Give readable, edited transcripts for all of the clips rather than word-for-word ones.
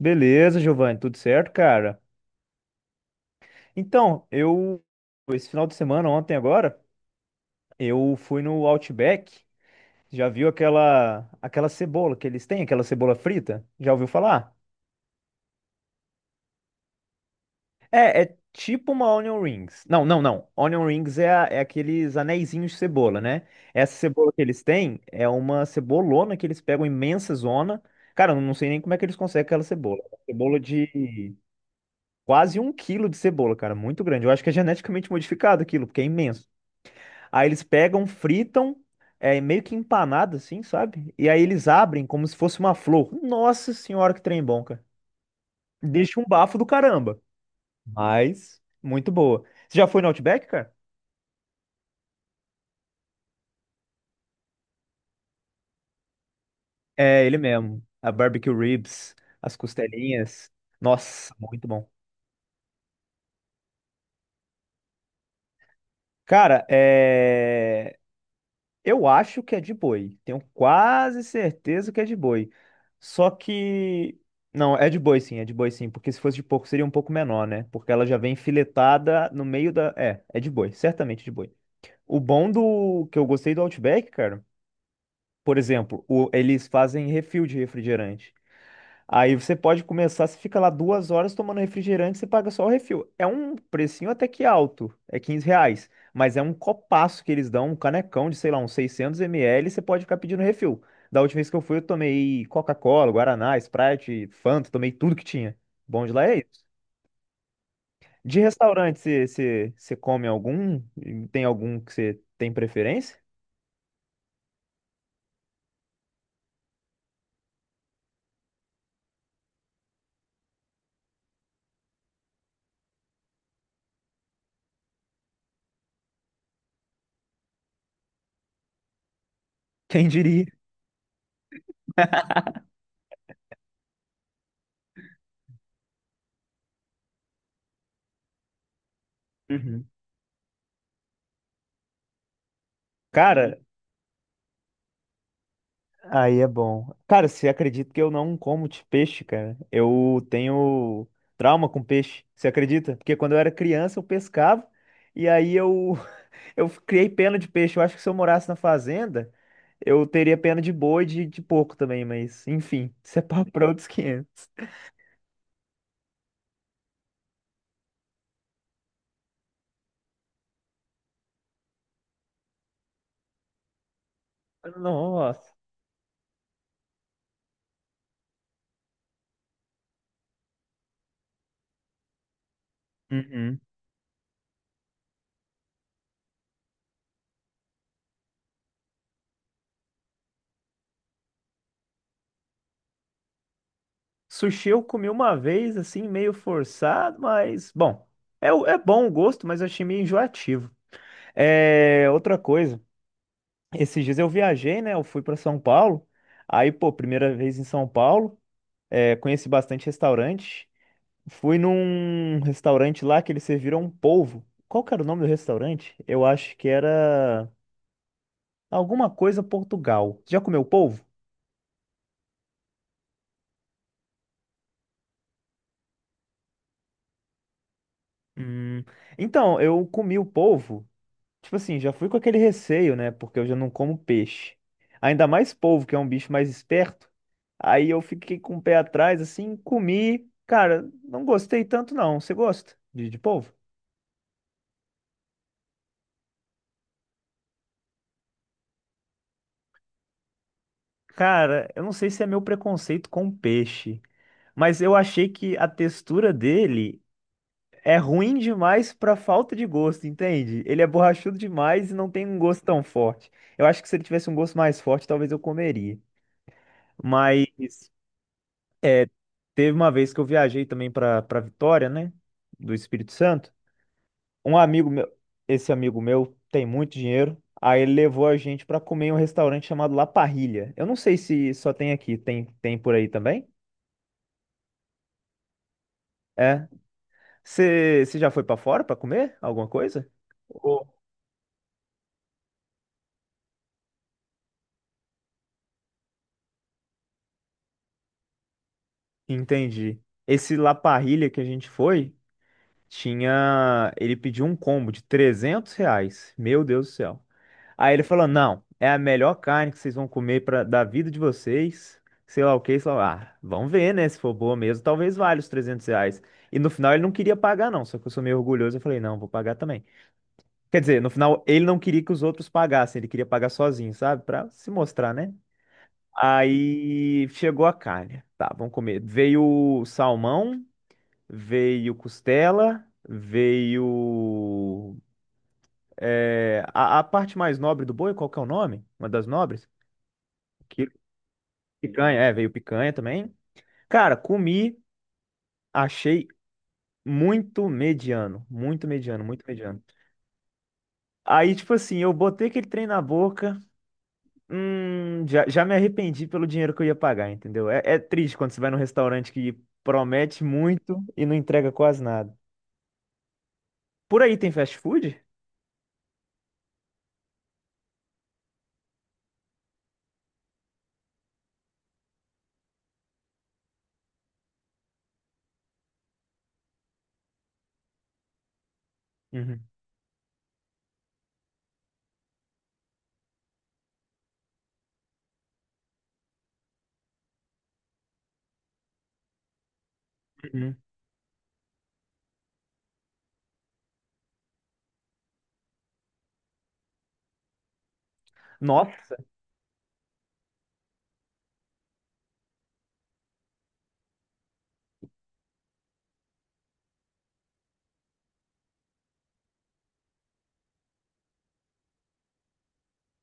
Beleza, Giovanni, tudo certo, cara? Então, eu esse final de semana, ontem agora, eu fui no Outback. Já viu aquela cebola que eles têm, aquela cebola frita? Já ouviu falar? É tipo uma onion rings. Não, não, não. Onion rings é, é aqueles aneizinhos de cebola, né? Essa cebola que eles têm é uma cebolona que eles pegam imensa zona. Cara, eu não sei nem como é que eles conseguem aquela cebola. Cebola de quase um quilo de cebola, cara, muito grande. Eu acho que é geneticamente modificado aquilo, porque é imenso. Aí eles pegam, fritam, é meio que empanado assim, sabe? E aí eles abrem como se fosse uma flor. Nossa senhora, que trem bom, cara. Deixa um bafo do caramba, mas muito boa. Você já foi no Outback, cara? É, ele mesmo. A barbecue ribs, as costelinhas. Nossa, muito bom. Cara, é... eu acho que é de boi. Tenho quase certeza que é de boi. Só que. Não, é de boi sim, é de boi sim. Porque se fosse de porco seria um pouco menor, né? Porque ela já vem filetada no meio da. É, é de boi, certamente de boi. O bom do que eu gostei do Outback, cara, por exemplo, eles fazem refil de refrigerante. Aí você pode começar, você fica lá 2 horas tomando refrigerante, você paga só o refil. É um precinho até que alto, é 15 reais. Mas é um copaço que eles dão, um canecão de, sei lá, uns 600 ml, você pode ficar pedindo refil. Da última vez que eu fui, eu tomei Coca-Cola, Guaraná, Sprite, Fanta, tomei tudo que tinha. Bom de lá é isso. De restaurante, você come algum? Tem algum que você tem preferência? Quem diria? Uhum. Cara, aí é bom. Cara, você acredita que eu não como de peixe, cara? Eu tenho trauma com peixe, você acredita? Porque quando eu era criança eu pescava e aí eu, eu criei pena de peixe. Eu acho que se eu morasse na fazenda, eu teria pena de boi e de porco também, mas enfim, isso é papo pra outros 500. Nossa. Uhum. Sushi eu comi uma vez, assim, meio forçado, mas bom. É, é bom o gosto, mas eu achei meio enjoativo. É, outra coisa. Esses dias eu viajei, né? Eu fui para São Paulo. Aí, pô, primeira vez em São Paulo, é, conheci bastante restaurante. Fui num restaurante lá que eles serviram um polvo. Qual que era o nome do restaurante? Eu acho que era alguma coisa Portugal. Já comeu polvo? Hum, Então, eu comi o polvo. Tipo assim, já fui com aquele receio, né? Porque eu já não como peixe. Ainda mais polvo, que é um bicho mais esperto. Aí eu fiquei com o pé atrás, assim, comi. Cara, não gostei tanto, não. Você gosta de polvo? Cara, eu não sei se é meu preconceito com peixe, mas eu achei que a textura dele é ruim demais pra falta de gosto, entende? Ele é borrachudo demais e não tem um gosto tão forte. Eu acho que se ele tivesse um gosto mais forte, talvez eu comeria. Mas. Teve uma vez que eu viajei também para Vitória, né? Do Espírito Santo. Um amigo meu, esse amigo meu tem muito dinheiro. Aí ele levou a gente para comer em um restaurante chamado La Parrilla. Eu não sei se só tem aqui, tem por aí também? É. Você já foi para fora para comer alguma coisa? Ou- Entendi. Esse La Parrilla que a gente foi, tinha. Ele pediu um combo de 300 reais. Meu Deus do céu. Aí ele falou: não, é a melhor carne que vocês vão comer pra, da vida de vocês. Sei lá o que, sei lá. Ah, vamos ver, né? Se for boa mesmo, talvez valha os 300 reais. E no final ele não queria pagar, não. Só que eu sou meio orgulhoso. Eu falei: não, vou pagar também. Quer dizer, no final ele não queria que os outros pagassem. Ele queria pagar sozinho, sabe? Pra se mostrar, né? Aí chegou a carne. Tá, vamos comer. Veio salmão, veio costela, veio é, a parte mais nobre do boi, qual que é o nome? Uma das nobres? Que, picanha, é, veio picanha também. Cara, comi, achei muito mediano, muito mediano, muito mediano. Aí, tipo assim, eu botei aquele trem na boca, já me arrependi pelo dinheiro que eu ia pagar, entendeu? É, é triste quando você vai num restaurante que promete muito e não entrega quase nada. Por aí tem fast food? Uhum. Uhum. Nossa,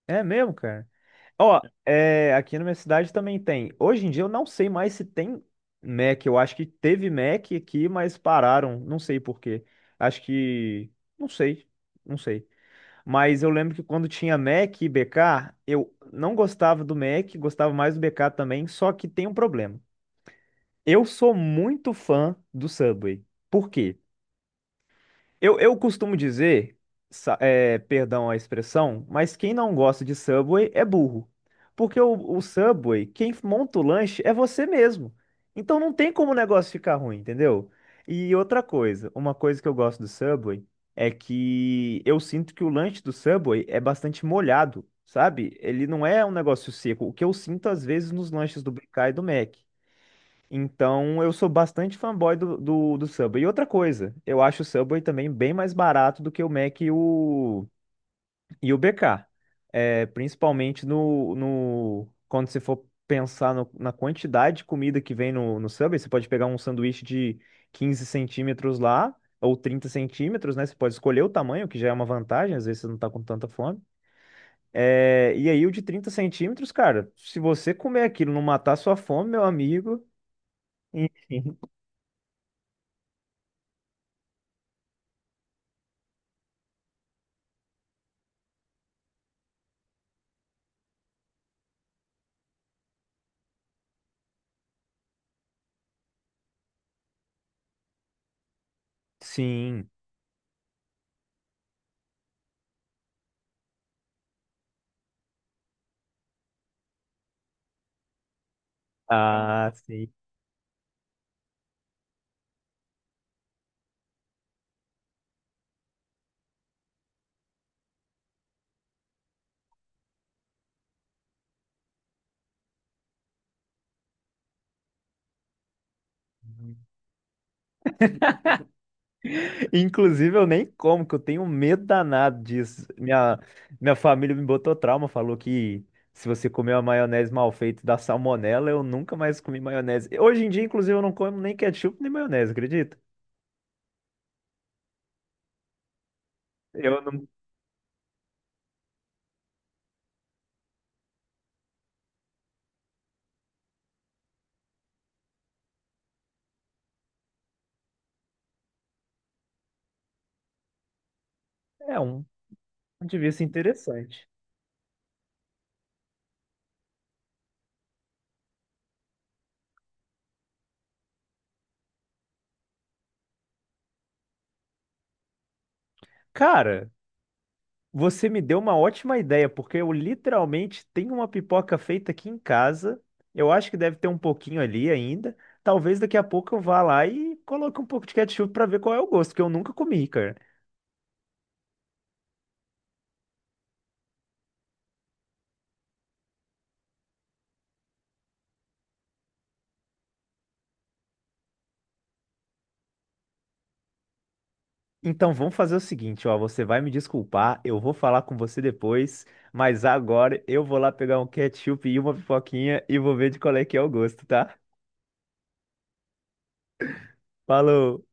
é mesmo, cara. Ó, é, aqui na minha cidade também tem. Hoje em dia eu não sei mais se tem Mac. Eu acho que teve Mac aqui, mas pararam. Não sei por quê. Acho que. Não sei. Não sei. Mas eu lembro que quando tinha Mac e BK, eu não gostava do Mac, gostava mais do BK também, só que tem um problema. Eu sou muito fã do Subway. Por quê? Eu costumo dizer, é, perdão a expressão, mas quem não gosta de Subway é burro. Porque o Subway, quem monta o lanche é você mesmo. Então não tem como o negócio ficar ruim, entendeu? E outra coisa, uma coisa que eu gosto do Subway é que eu sinto que o lanche do Subway é bastante molhado, sabe? Ele não é um negócio seco, o que eu sinto às vezes nos lanches do BK e do Mac. Então, eu sou bastante fanboy do Subway. E outra coisa, eu acho o Subway também bem mais barato do que o Mac e o BK. É, principalmente no, no, quando você for pensar na quantidade de comida que vem no Subway, você pode pegar um sanduíche de 15 centímetros lá, ou 30 centímetros, né? Você pode escolher o tamanho, que já é uma vantagem, às vezes você não tá com tanta fome. É, e aí, o de 30 centímetros, cara, se você comer aquilo e não matar sua fome, meu amigo. Enfim. Sim. Ah, sim. Inclusive, eu nem como, que eu tenho um medo danado disso. Minha família me botou trauma, falou que se você comer uma maionese mal feita dá salmonela, eu nunca mais comi maionese. Hoje em dia, inclusive, eu não como nem ketchup nem maionese, acredita? Eu não... é um ponto de vista interessante. Cara, você me deu uma ótima ideia, porque eu literalmente tenho uma pipoca feita aqui em casa. Eu acho que deve ter um pouquinho ali ainda. Talvez daqui a pouco eu vá lá e coloque um pouco de ketchup para ver qual é o gosto, que eu nunca comi, cara. Então vamos fazer o seguinte, ó, você vai me desculpar, eu vou falar com você depois, mas agora eu vou lá pegar um ketchup e uma pipoquinha e vou ver de qual é que é o gosto, tá? Falou.